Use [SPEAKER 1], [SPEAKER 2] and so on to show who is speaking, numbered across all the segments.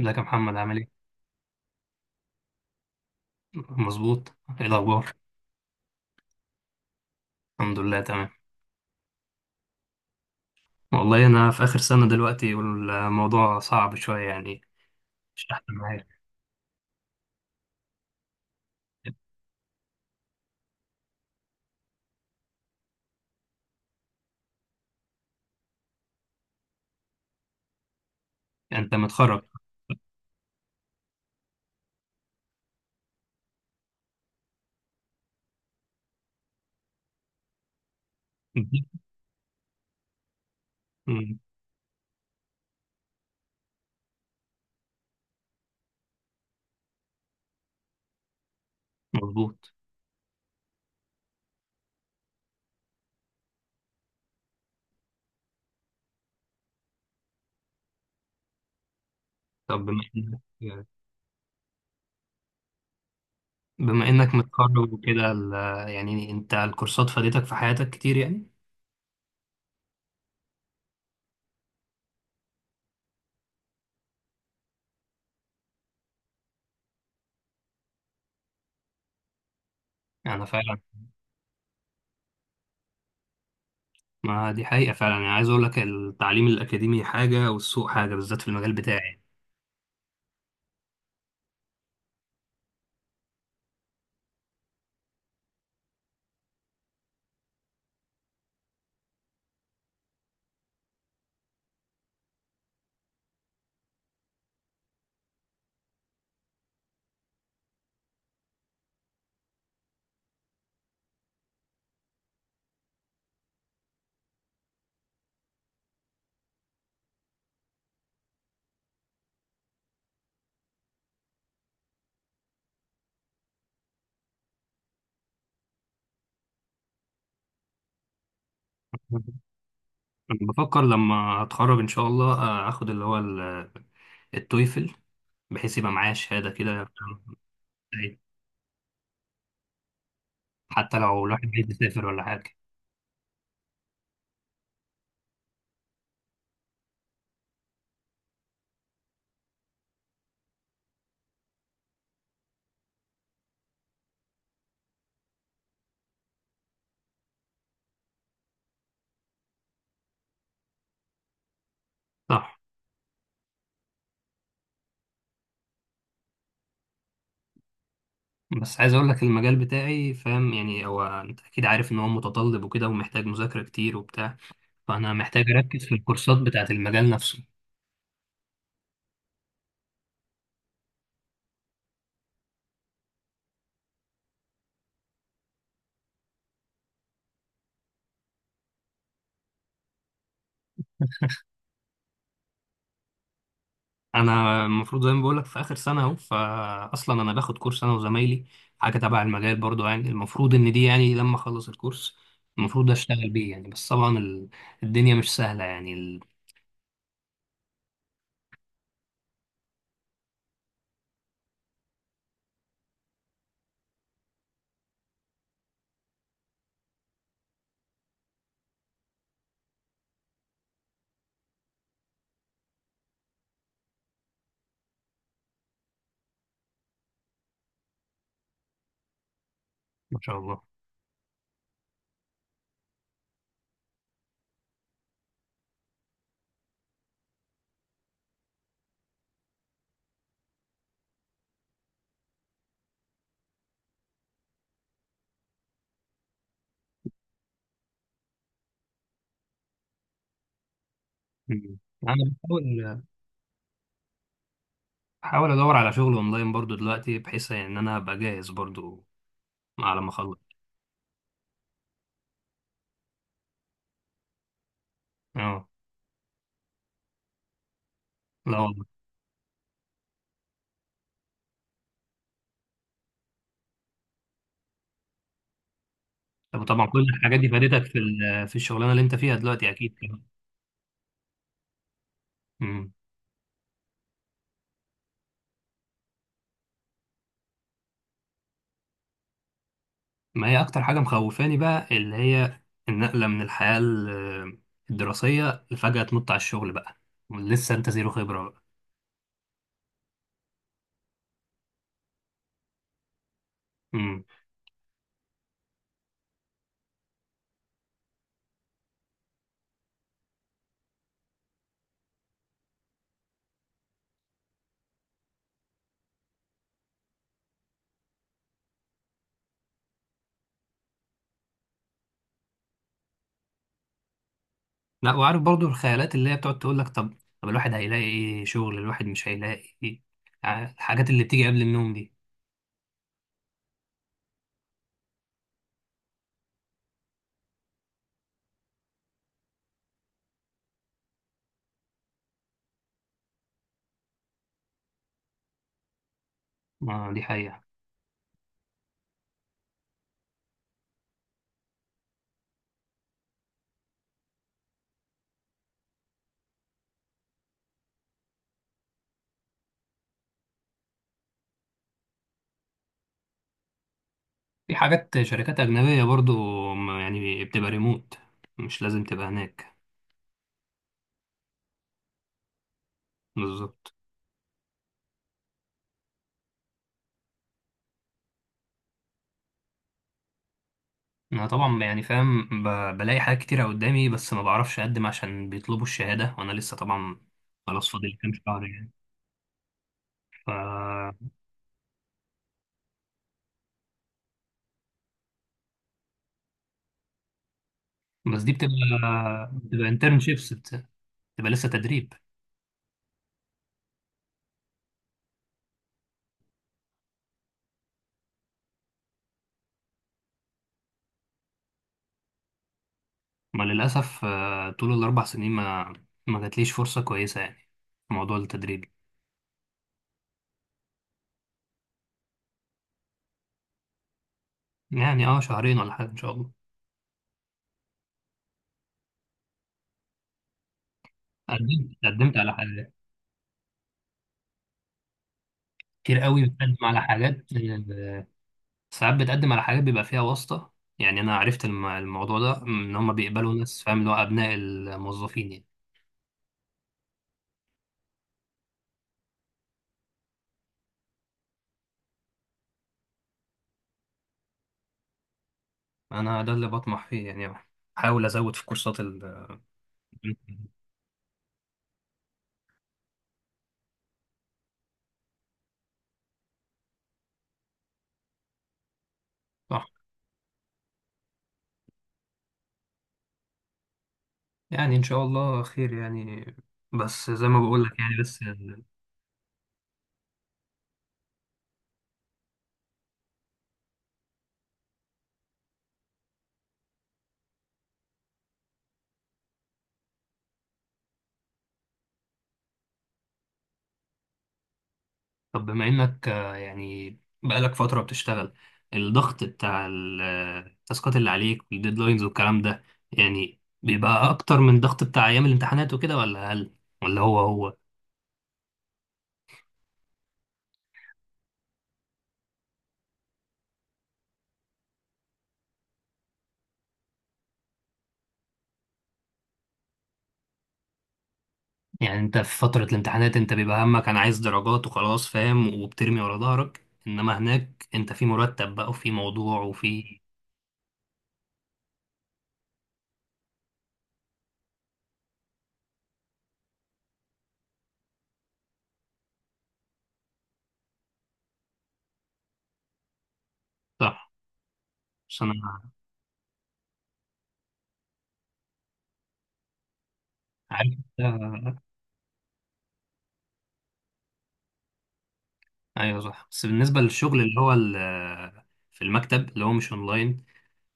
[SPEAKER 1] ازيك يا محمد عامل ايه؟ مظبوط. ايه الاخبار؟ الحمد لله تمام. والله انا في اخر سنة دلوقتي والموضوع صعب شوية يعني. مش احسن معايا. انت متخرج؟ مم. مظبوط. طب بما إنك بما انك متخرج وكده يعني انت الكورسات فادتك في حياتك كتير يعني. انا فعلا. ما دي حقيقة فعلا، يعني عايز اقول لك التعليم الاكاديمي حاجة والسوق حاجة بالذات في المجال بتاعي. انا بفكر لما اتخرج ان شاء الله اخد اللي هو التويفل، بحيث يبقى معايا شهادة كده. أيوة. حتى لو الواحد عايز يسافر ولا حاجة. صح. بس عايز أقول لك المجال بتاعي، فاهم، يعني هو أنت أكيد عارف إن هو متطلب وكده ومحتاج مذاكرة كتير وبتاع. فأنا محتاج أركز في الكورسات بتاعة المجال نفسه. أنا المفروض زي ما بقول لك في آخر سنة أهو، فأصلا أنا باخد كورس أنا وزمايلي. حاجة تبع المجال برضو، يعني المفروض إن دي يعني لما أخلص الكورس المفروض أشتغل بيه يعني. بس طبعا الدنيا مش سهلة يعني ما شاء الله. مم. أنا بحاول احاول ادور على شغل اونلاين برضو دلوقتي، بحيث ان انا ابقى جاهز برضو على ما اخلص. اه. لا والله. طب طبعا كل الحاجات دي فادتك في الشغلانه اللي انت فيها دلوقتي اكيد كمان. امم. ما هي اكتر حاجه مخوفاني بقى اللي هي النقله من الحياه الدراسيه، لفجاه تنط على الشغل بقى. لسه انت زيرو خبره بقى. امم. لا، وعارف برضو الخيالات اللي هي بتقعد تقول لك طب الواحد هيلاقي ايه شغل، الواحد مش هيلاقي ايه. الحاجات اللي بتيجي قبل النوم دي. ما دي حقيقه. في حاجات شركات أجنبية برضو. يعني بتبقى ريموت، مش لازم تبقى هناك. بالظبط. أنا طبعا يعني فاهم، بلاقي حاجات كتيرة قدامي، بس ما بعرفش أقدم عشان بيطلبوا الشهادة وأنا لسه طبعا خلاص فاضل لي كام شهر يعني. ف بس دي بتبقى انترنشيبس، بتبقى لسه تدريب. ما للأسف طول الأربع سنين ما جاتليش فرصة كويسة، يعني في موضوع التدريب. يعني شهرين ولا حاجة إن شاء الله. قدمت، قدمت على حاجات كتير قوي، بتقدم على حاجات، ساعات بتقدم على حاجات بيبقى فيها واسطة. يعني أنا عرفت الموضوع ده إن هما بيقبلوا ناس، فاهم، اللي هو أبناء الموظفين يعني. أنا ده اللي بطمح فيه يعني، أحاول أزود في كورسات صح. يعني إن شاء الله خير يعني. بس زي ما بقول لك يعني بس طب بما إنك يعني بقالك فترة بتشتغل، الضغط بتاع التاسكات اللي عليك والديدلاينز والكلام ده، يعني بيبقى أكتر من ضغط بتاع أيام الامتحانات وكده ولا أقل؟ ولا هو هو؟ يعني انت في فترة الامتحانات انت بيبقى همك انا عايز درجات وخلاص، فاهم، وبترمي ورا ظهرك، انما هناك انت في مرتب بقى وفي موضوع وفي. صح بس انا عارف. ده- ايوه صح. بس بالنسبة للشغل اللي هو في المكتب، اللي هو مش اونلاين.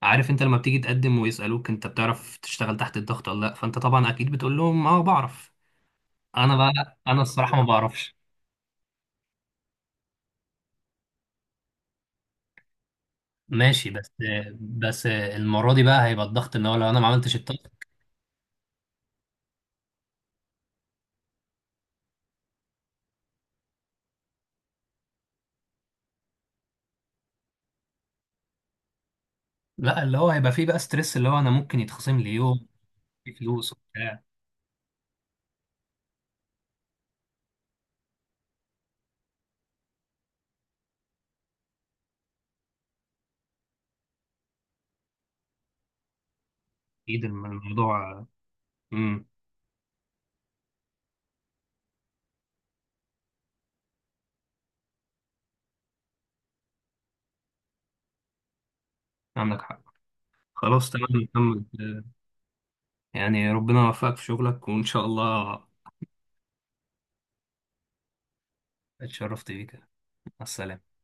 [SPEAKER 1] عارف، انت لما بتيجي تقدم ويسألوك انت بتعرف تشتغل تحت الضغط ولا لا، فانت طبعا اكيد بتقول لهم اه بعرف. انا الصراحة ما بعرفش. ماشي. بس بس المرة دي بقى هيبقى الضغط ان هو لو انا ما عملتش التاسك. لا، اللي هو هيبقى فيه بقى ستريس، اللي هو انا ممكن يتخصم لي يوم في فلوس وبتاع. اكيد الموضوع. امم. عندك حق. خلاص تمام. محمد، يعني ربنا يوفقك في شغلك وان شاء الله. اتشرفت بيك، مع السلامه.